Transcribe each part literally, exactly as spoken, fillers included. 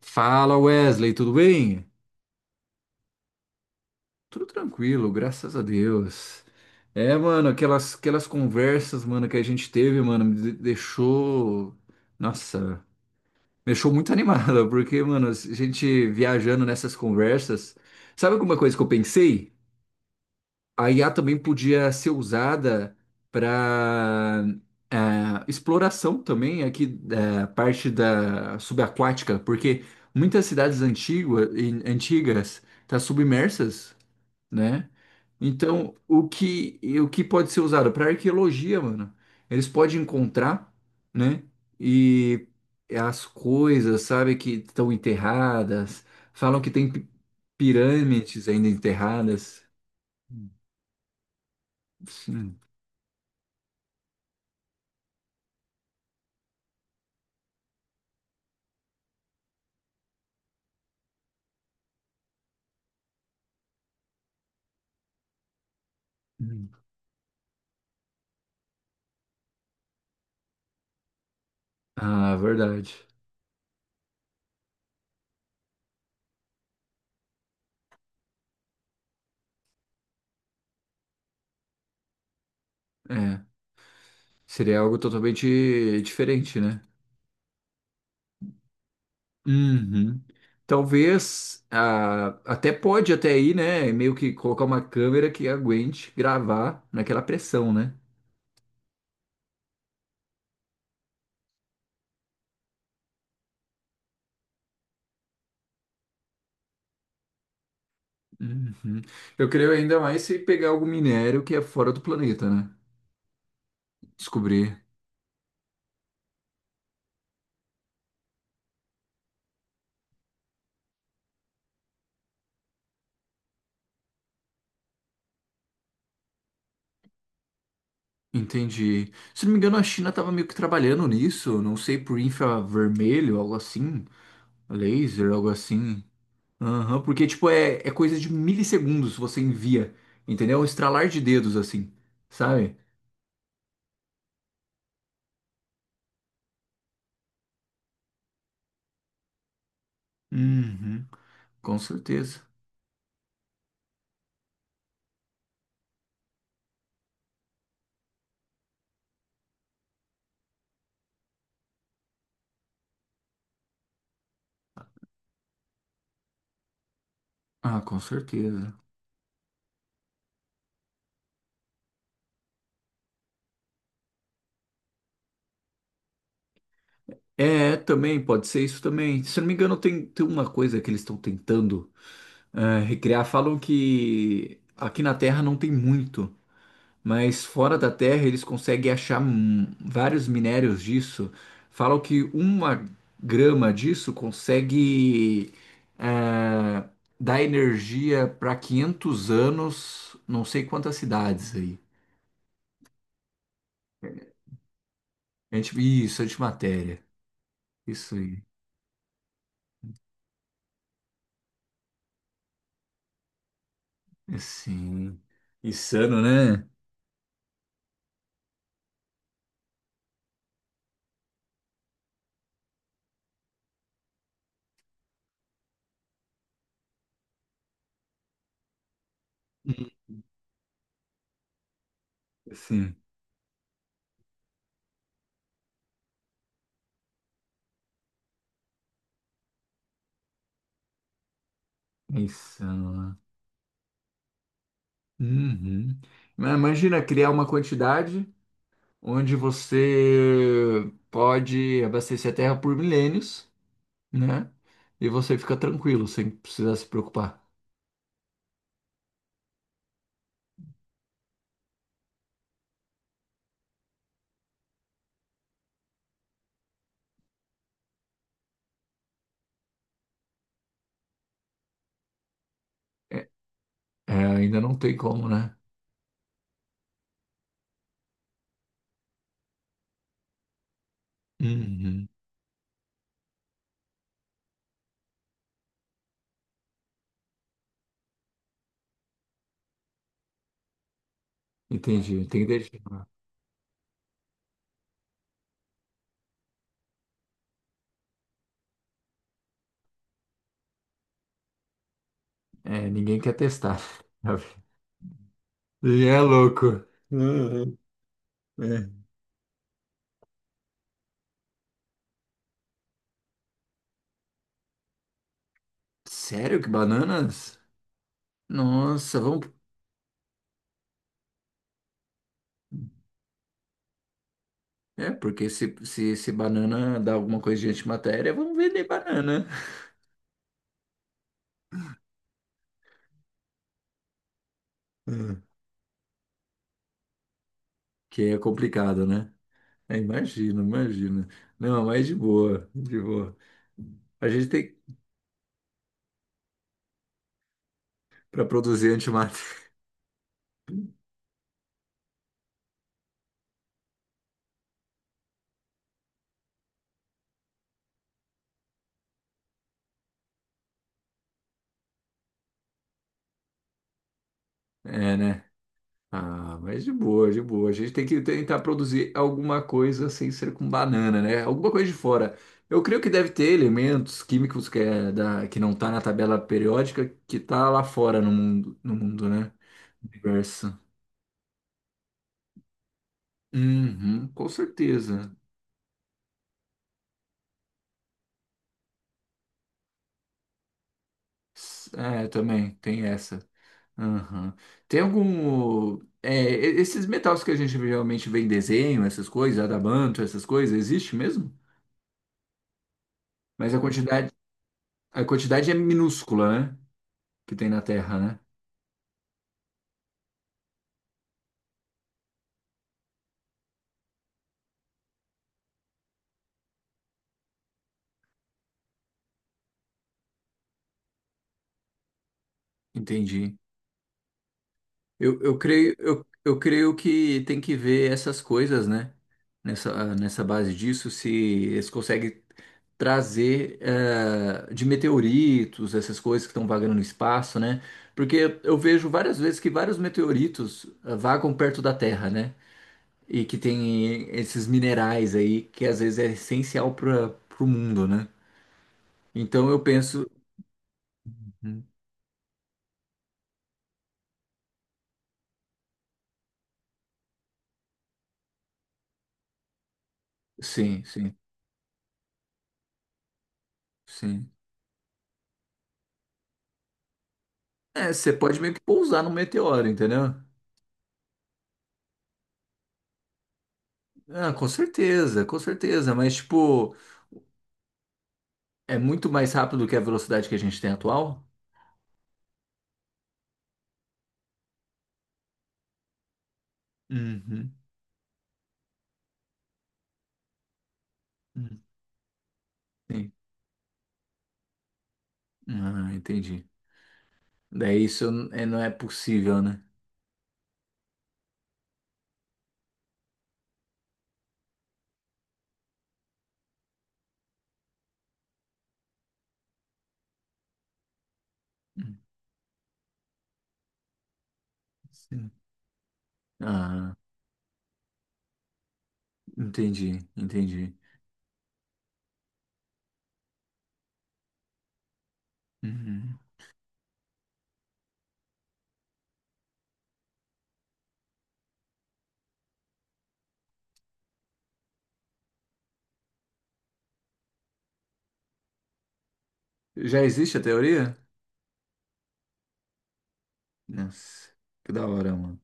Fala Wesley, tudo bem? Tudo tranquilo, graças a Deus. É, mano, aquelas, aquelas conversas, mano, que a gente teve, mano, me de- deixou. Nossa, me deixou muito animada, porque, mano, a gente viajando nessas conversas. Sabe alguma coisa que eu pensei? A I A também podia ser usada para exploração também aqui da parte da subaquática, porque muitas cidades antigas antigas tá submersas, né? Então, o que o que pode ser usado para arqueologia, mano? Eles podem encontrar, né? E as coisas, sabe, que estão enterradas, falam que tem pi- pirâmides ainda enterradas. Sim. Ah, verdade. É. Seria algo totalmente diferente, né? Uhum. Talvez, ah, até pode até aí, né? Meio que colocar uma câmera que aguente gravar naquela pressão, né? Uhum. Eu creio ainda mais se pegar algum minério que é fora do planeta, né? Descobrir. Entendi. Se não me engano, a China estava meio que trabalhando nisso, não sei, por infravermelho, algo assim, laser, algo assim. Aham, porque, tipo, é, é coisa de milissegundos você envia, entendeu? Um estralar de dedos, assim, sabe? Uhum, com certeza. Ah, com certeza. É, também, pode ser isso também. Se eu não me engano, tem, tem uma coisa que eles estão tentando eh, recriar. Falam que aqui na Terra não tem muito, mas fora da Terra eles conseguem achar, hum, vários minérios disso. Falam que uma grama disso consegue, eh, dar energia para quinhentos anos, não sei quantas cidades aí. A gente, isso, antimatéria. Isso aí. Assim, insano, né? Hum. Assim, é insano, né? Uhum. Mas imagina criar uma quantidade onde você pode abastecer a Terra por milênios, né? E você fica tranquilo, sem precisar se preocupar. É, é, ainda não tem como, né? Uhum. Entendi, tem que deixar. É, ninguém quer testar. E é louco. Uhum. É. Sério que bananas? Nossa, vamos. É, porque se, se, se banana dá alguma coisa de antimatéria, vamos vender banana. Uhum. Que é complicado, né? É, imagino, imagino. Não, mas de boa, de boa. A gente tem para produzir antimatéria. É, né? Ah, mas de boa, de boa. A gente tem que tentar produzir alguma coisa sem ser com banana, né? Alguma coisa de fora. Eu creio que deve ter elementos químicos que, é da, que não tá na tabela periódica que tá lá fora no mundo, no mundo, né? Universo. Uhum, com certeza. S- É, também tem essa. Aham. Tem algum, é, e- esses metais que a gente geralmente vê em desenho, essas coisas, adamanto, essas coisas, existe mesmo? Mas a quantidade, a quantidade é minúscula, né? Que tem na Terra, né? Entendi. Eu, eu creio, eu, eu creio que tem que ver essas coisas, né? Nessa, nessa base disso, se eles conseguem trazer, eh, de meteoritos, essas coisas que estão vagando no espaço, né? Porque eu vejo várias vezes que vários meteoritos, eh, vagam perto da Terra, né? E que tem esses minerais aí que às vezes é essencial para o mundo, né? Então eu penso. Sim, sim, sim. É, você pode meio que pousar no meteoro, entendeu? Ah, com certeza, com certeza, mas tipo, é muito mais rápido do que a velocidade que a gente tem atual? Uhum. Hum, sim. Ah, entendi. Daí isso é- não é possível, né? Hum, sim. Ah, entendi, entendi. Uhum. Já existe a teoria? Nossa, que da hora, mano.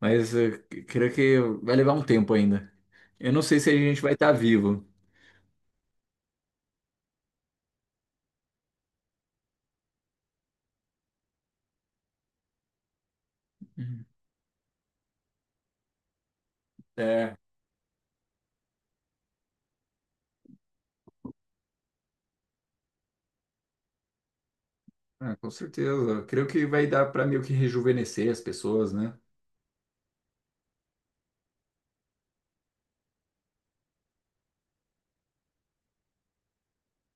Mas eu c- creio que vai levar um tempo ainda. Eu não sei se a gente vai estar vivo. Uhum. É, ah, com certeza. Creio que vai dar para meio que rejuvenescer as pessoas, né?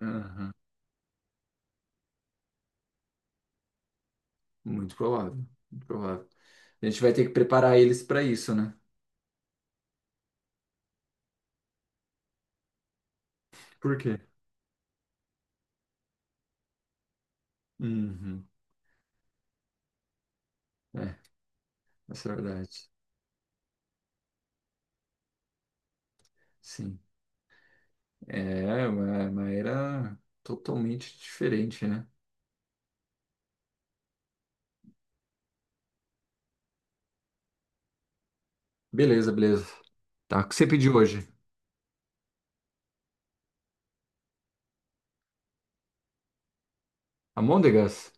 Aham. Muito provável. Muito provável. A gente vai ter que preparar eles para isso, né? Por quê? Uhum. É, essa é a verdade. Sim. É uma, uma era totalmente diferente, né? Beleza, beleza. Tá, o que você pediu hoje? Almôndegas?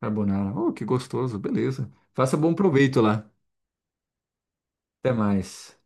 Carbonara. Oh, que gostoso. Beleza. Faça bom proveito lá. Até mais.